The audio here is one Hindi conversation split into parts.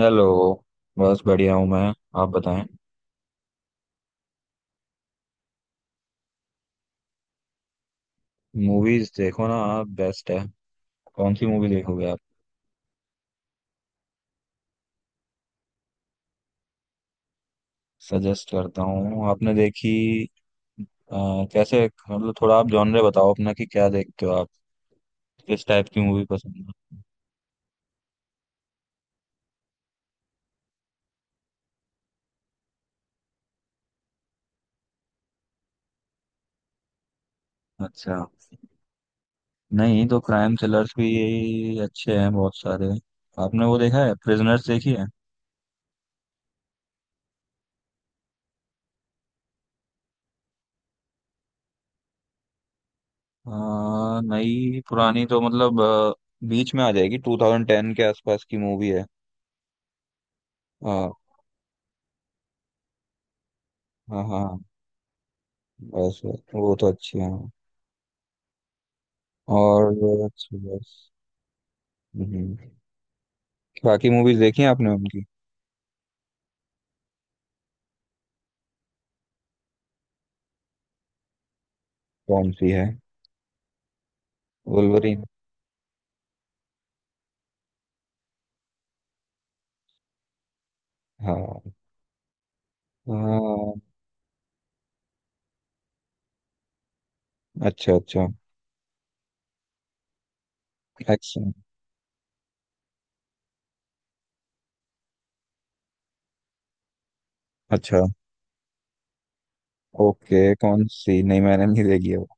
हेलो। बस बढ़िया हूँ मैं। आप बताएं। मूवीज देखो ना आप, बेस्ट है। कौन सी मूवी देखोगे आप? सजेस्ट करता हूँ। आपने देखी? कैसे? मतलब थोड़ा आप जॉनरे बताओ अपना, कि क्या देखते हो आप। किस टाइप की मूवी पसंद है आपको? अच्छा। नहीं तो क्राइम थ्रिलर्स भी यही अच्छे हैं, बहुत सारे। आपने वो देखा है, प्रिजनर्स देखी है? अ, नई पुरानी तो मतलब बीच में आ जाएगी, 2010 के आसपास की मूवी है। हाँ, हाँ, हाँ। बस बस, वो तो अच्छी है। और बस बस। हम्म। बाकी मूवीज देखी हैं आपने उनकी? कौन सी है? वुल्वरीन। हाँ, हाँ। अच्छा, अच्छा। एक्शन। अच्छा। ओके, कौन सी? नहीं मैंने नहीं देखी है वो।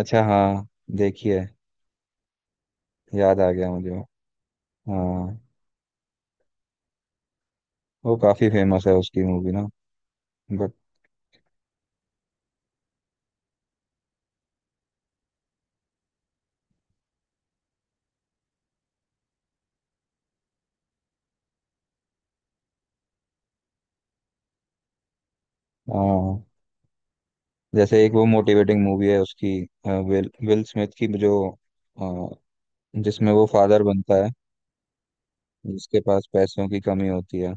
अच्छा, हाँ। देखी है। याद आ गया मुझे वो। हाँ। वो काफी फेमस है उसकी मूवी ना। बट। हाँ। जैसे एक वो मोटिवेटिंग मूवी है उसकी। विल विल स्मिथ की जो अ, जिसमें वो फादर बनता है, जिसके पास पैसों की कमी होती है।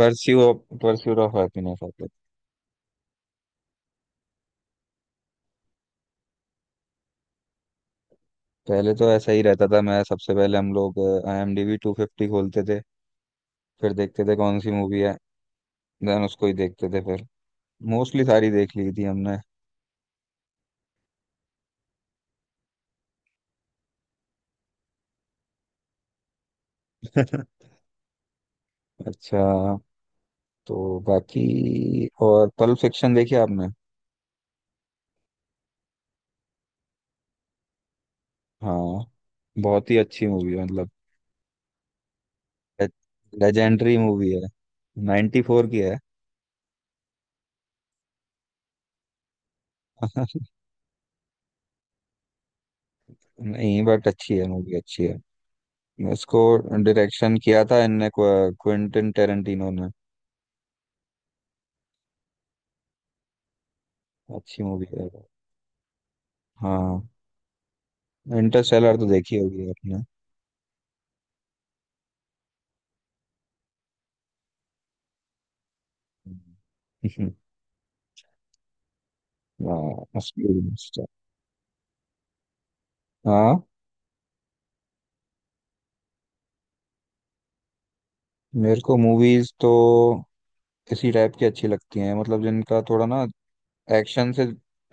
परस्यू परस्यूट ऑफ हैप्पीनेस होता है। पहले तो ऐसा ही रहता था। मैं सबसे पहले हम लोग आईएमडीबी 250 खोलते थे, फिर देखते थे कौन सी मूवी है, देन उसको ही देखते थे। फिर मोस्टली सारी देख ली थी हमने। अच्छा। तो बाकी और पल्प फिक्शन देखी आपने? हाँ, बहुत ही अच्छी मूवी है मतलब। लेजेंडरी मूवी है। 94 की है। नहीं बट अच्छी है, मूवी अच्छी है। इसको डायरेक्शन किया था इनने, क्विंटन टेरेंटिनो ने। अच्छी मूवी है वो। हाँ। इंटरस्टेलर तो देखी होगी आपने। हम्म। हाँ उसकी भी- हाँ, मेरे को मूवीज तो इसी टाइप की अच्छी लगती हैं, मतलब जिनका थोड़ा ना एक्शन से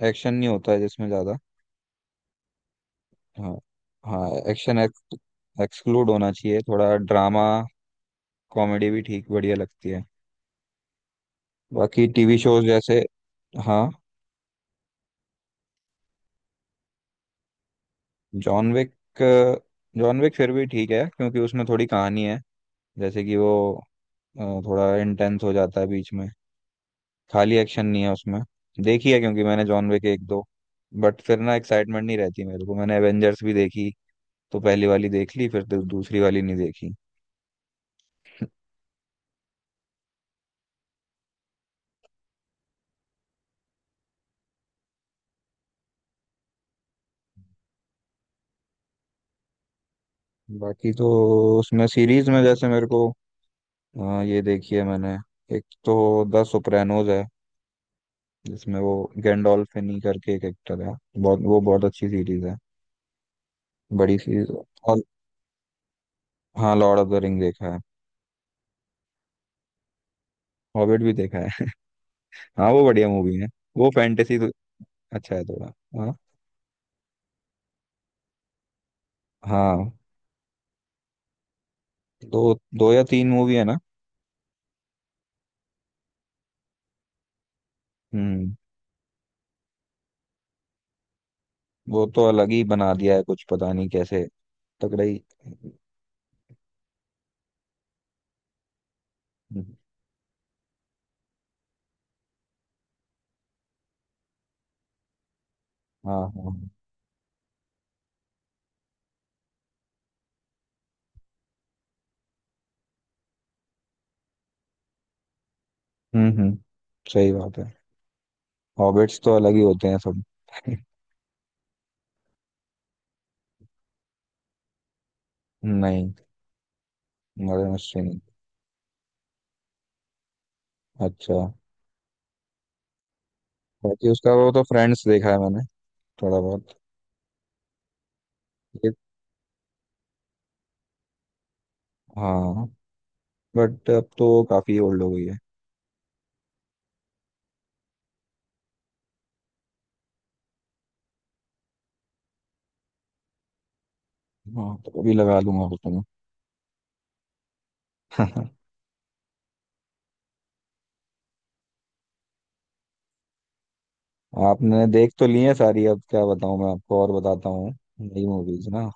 एक्शन नहीं होता है जिसमें ज्यादा। हाँ। हाँ, एक्शन एक्सक्लूड होना चाहिए, थोड़ा ड्रामा कॉमेडी भी ठीक बढ़िया लगती है। बाकी टीवी शोज जैसे। हाँ। John Wick. जॉन विक फिर भी ठीक है, क्योंकि उसमें थोड़ी कहानी है। जैसे कि वो थोड़ा इंटेंस हो जाता है बीच में, खाली एक्शन नहीं है उसमें। देखी है क्योंकि मैंने जॉन विक एक दो। बट फिर ना एक्साइटमेंट नहीं रहती मेरे को। मैंने एवेंजर्स भी देखी, तो पहली वाली देख ली, फिर दूसरी वाली नहीं देखी। बाकी तो उसमें सीरीज में जैसे मेरे को ये देखी है मैंने। एक तो द सोप्रानोज है, जिसमें वो गैंडोल्फिनी करके एक एक्टर है, बहुत वो बहुत अच्छी सीरीज है। बड़ी सीरीज। हाँ, लॉर्ड ऑफ द रिंग देखा है। हॉबिट भी देखा है। हाँ, वो बढ़िया मूवी है। वो फैंटेसी तो अच्छा है थोड़ा। हाँ। हाँ। दो दो या तीन मूवी है ना। हम्म। वो तो अलग ही बना दिया है, कुछ पता नहीं कैसे। तगड़ा ही। हाँ। हाँ। हम्म, हम्म, सही बात है। हॉबिट्स तो अलग ही होते हैं सब। नहीं। मदर मिस्ट्री नहीं। अच्छा। बाकी उसका वो तो फ्रेंड्स देखा है मैंने, थोड़ा बहुत। ये- हाँ। बट अब तो वो काफी ओल्ड हो गई है। हाँ, तो अभी लगा दूंगा उसको। मैं। आपने देख तो ली है सारी, अब क्या बताऊं मैं आपको? और बताता हूँ। नई मूवीज ना?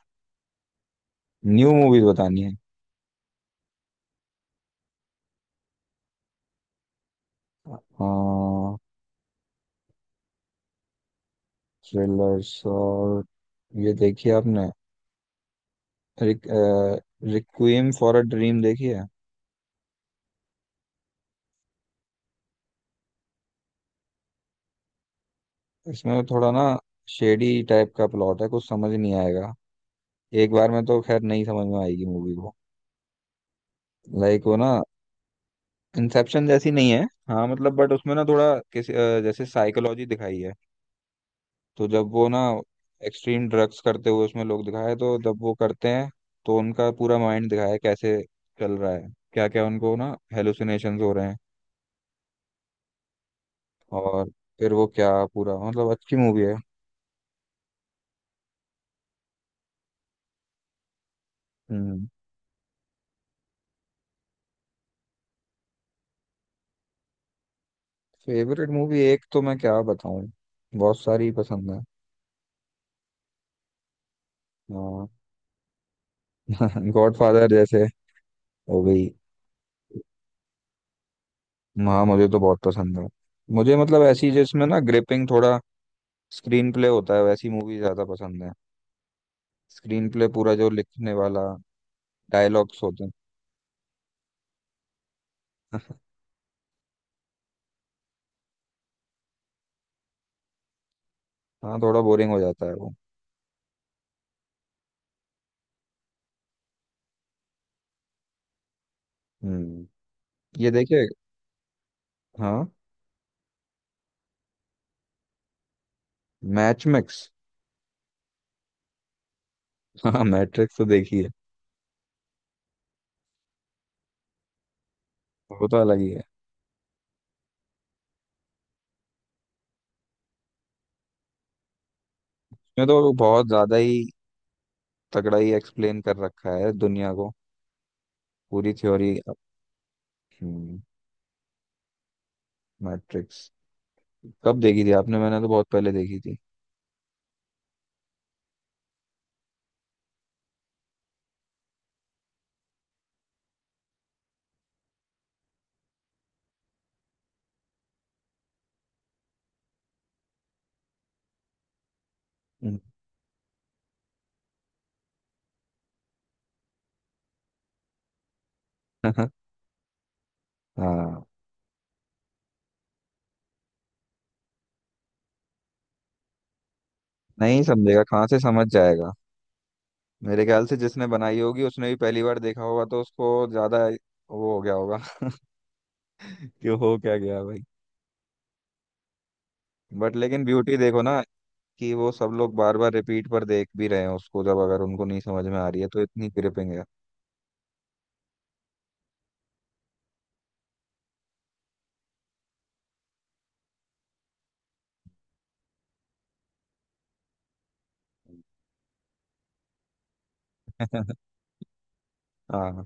न्यू मूवीज बतानी है। थ्रिलर्स और ये देखी है आपने, रिक, रिक्विएम फॉर अ ड्रीम देखी है? इसमें तो थोड़ा ना शेडी टाइप का प्लॉट है, कुछ समझ नहीं आएगा। एक बार में तो खैर नहीं समझ में आएगी मूवी को। लाइक वो ना, इंसेप्शन जैसी नहीं है। हाँ मतलब बट उसमें ना थोड़ा किसी जैसे साइकोलॉजी दिखाई है। तो जब वो ना एक्सट्रीम ड्रग्स करते हुए उसमें लोग दिखाए, तो जब वो करते हैं, तो उनका पूरा माइंड दिखाया है कैसे चल रहा है, क्या क्या उनको ना हेलुसिनेशंस हो रहे हैं। और फिर वो क्या पूरा, मतलब अच्छी मूवी है। हम्म। फेवरेट मूवी, एक तो मैं क्या बताऊं, बहुत सारी पसंद है। हाँ। गॉडफादर जैसे हो गई। हाँ मुझे तो बहुत पसंद है। मुझे मतलब ऐसी जिसमें ना ग्रिपिंग थोड़ा स्क्रीन प्ले होता है, वैसी मूवी ज्यादा पसंद है। स्क्रीन प्ले पूरा, जो लिखने वाला डायलॉग्स होते हैं। हाँ, थोड़ा बोरिंग हो जाता है वो। हम्म। ये देखिए। हाँ। Match mix. हाँ, मैट्रिक्स तो देखी है। वो तो अलग ही है। इसमें तो वो बहुत ज्यादा ही तगड़ा ही एक्सप्लेन कर रखा है दुनिया को, पूरी थ्योरी। हम्म। मैट्रिक्स कब देखी थी आपने? मैंने तो बहुत पहले देखी थी। हम्म। हाँ। नहीं समझेगा, कहाँ से समझ जाएगा। मेरे ख्याल से जिसने बनाई होगी उसने भी पहली बार देखा होगा, तो उसको ज्यादा वो हो गया होगा। कि हो क्या गया भाई। बट लेकिन ब्यूटी देखो ना, कि वो सब लोग बार बार रिपीट पर देख भी रहे हैं उसको, जब अगर उनको नहीं समझ में आ रही है, तो इतनी ग्रिपिंग है। हाँ।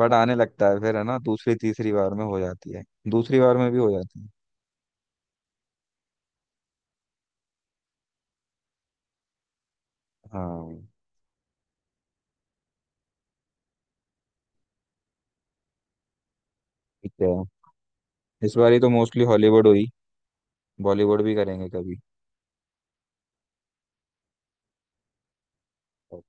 बट आने लगता है फिर है ना, दूसरी तीसरी बार में हो जाती है। दूसरी बार में भी हो जाती है। हाँ। ठीक है। इस बार ही तो मोस्टली हॉलीवुड हुई, बॉलीवुड भी करेंगे कभी।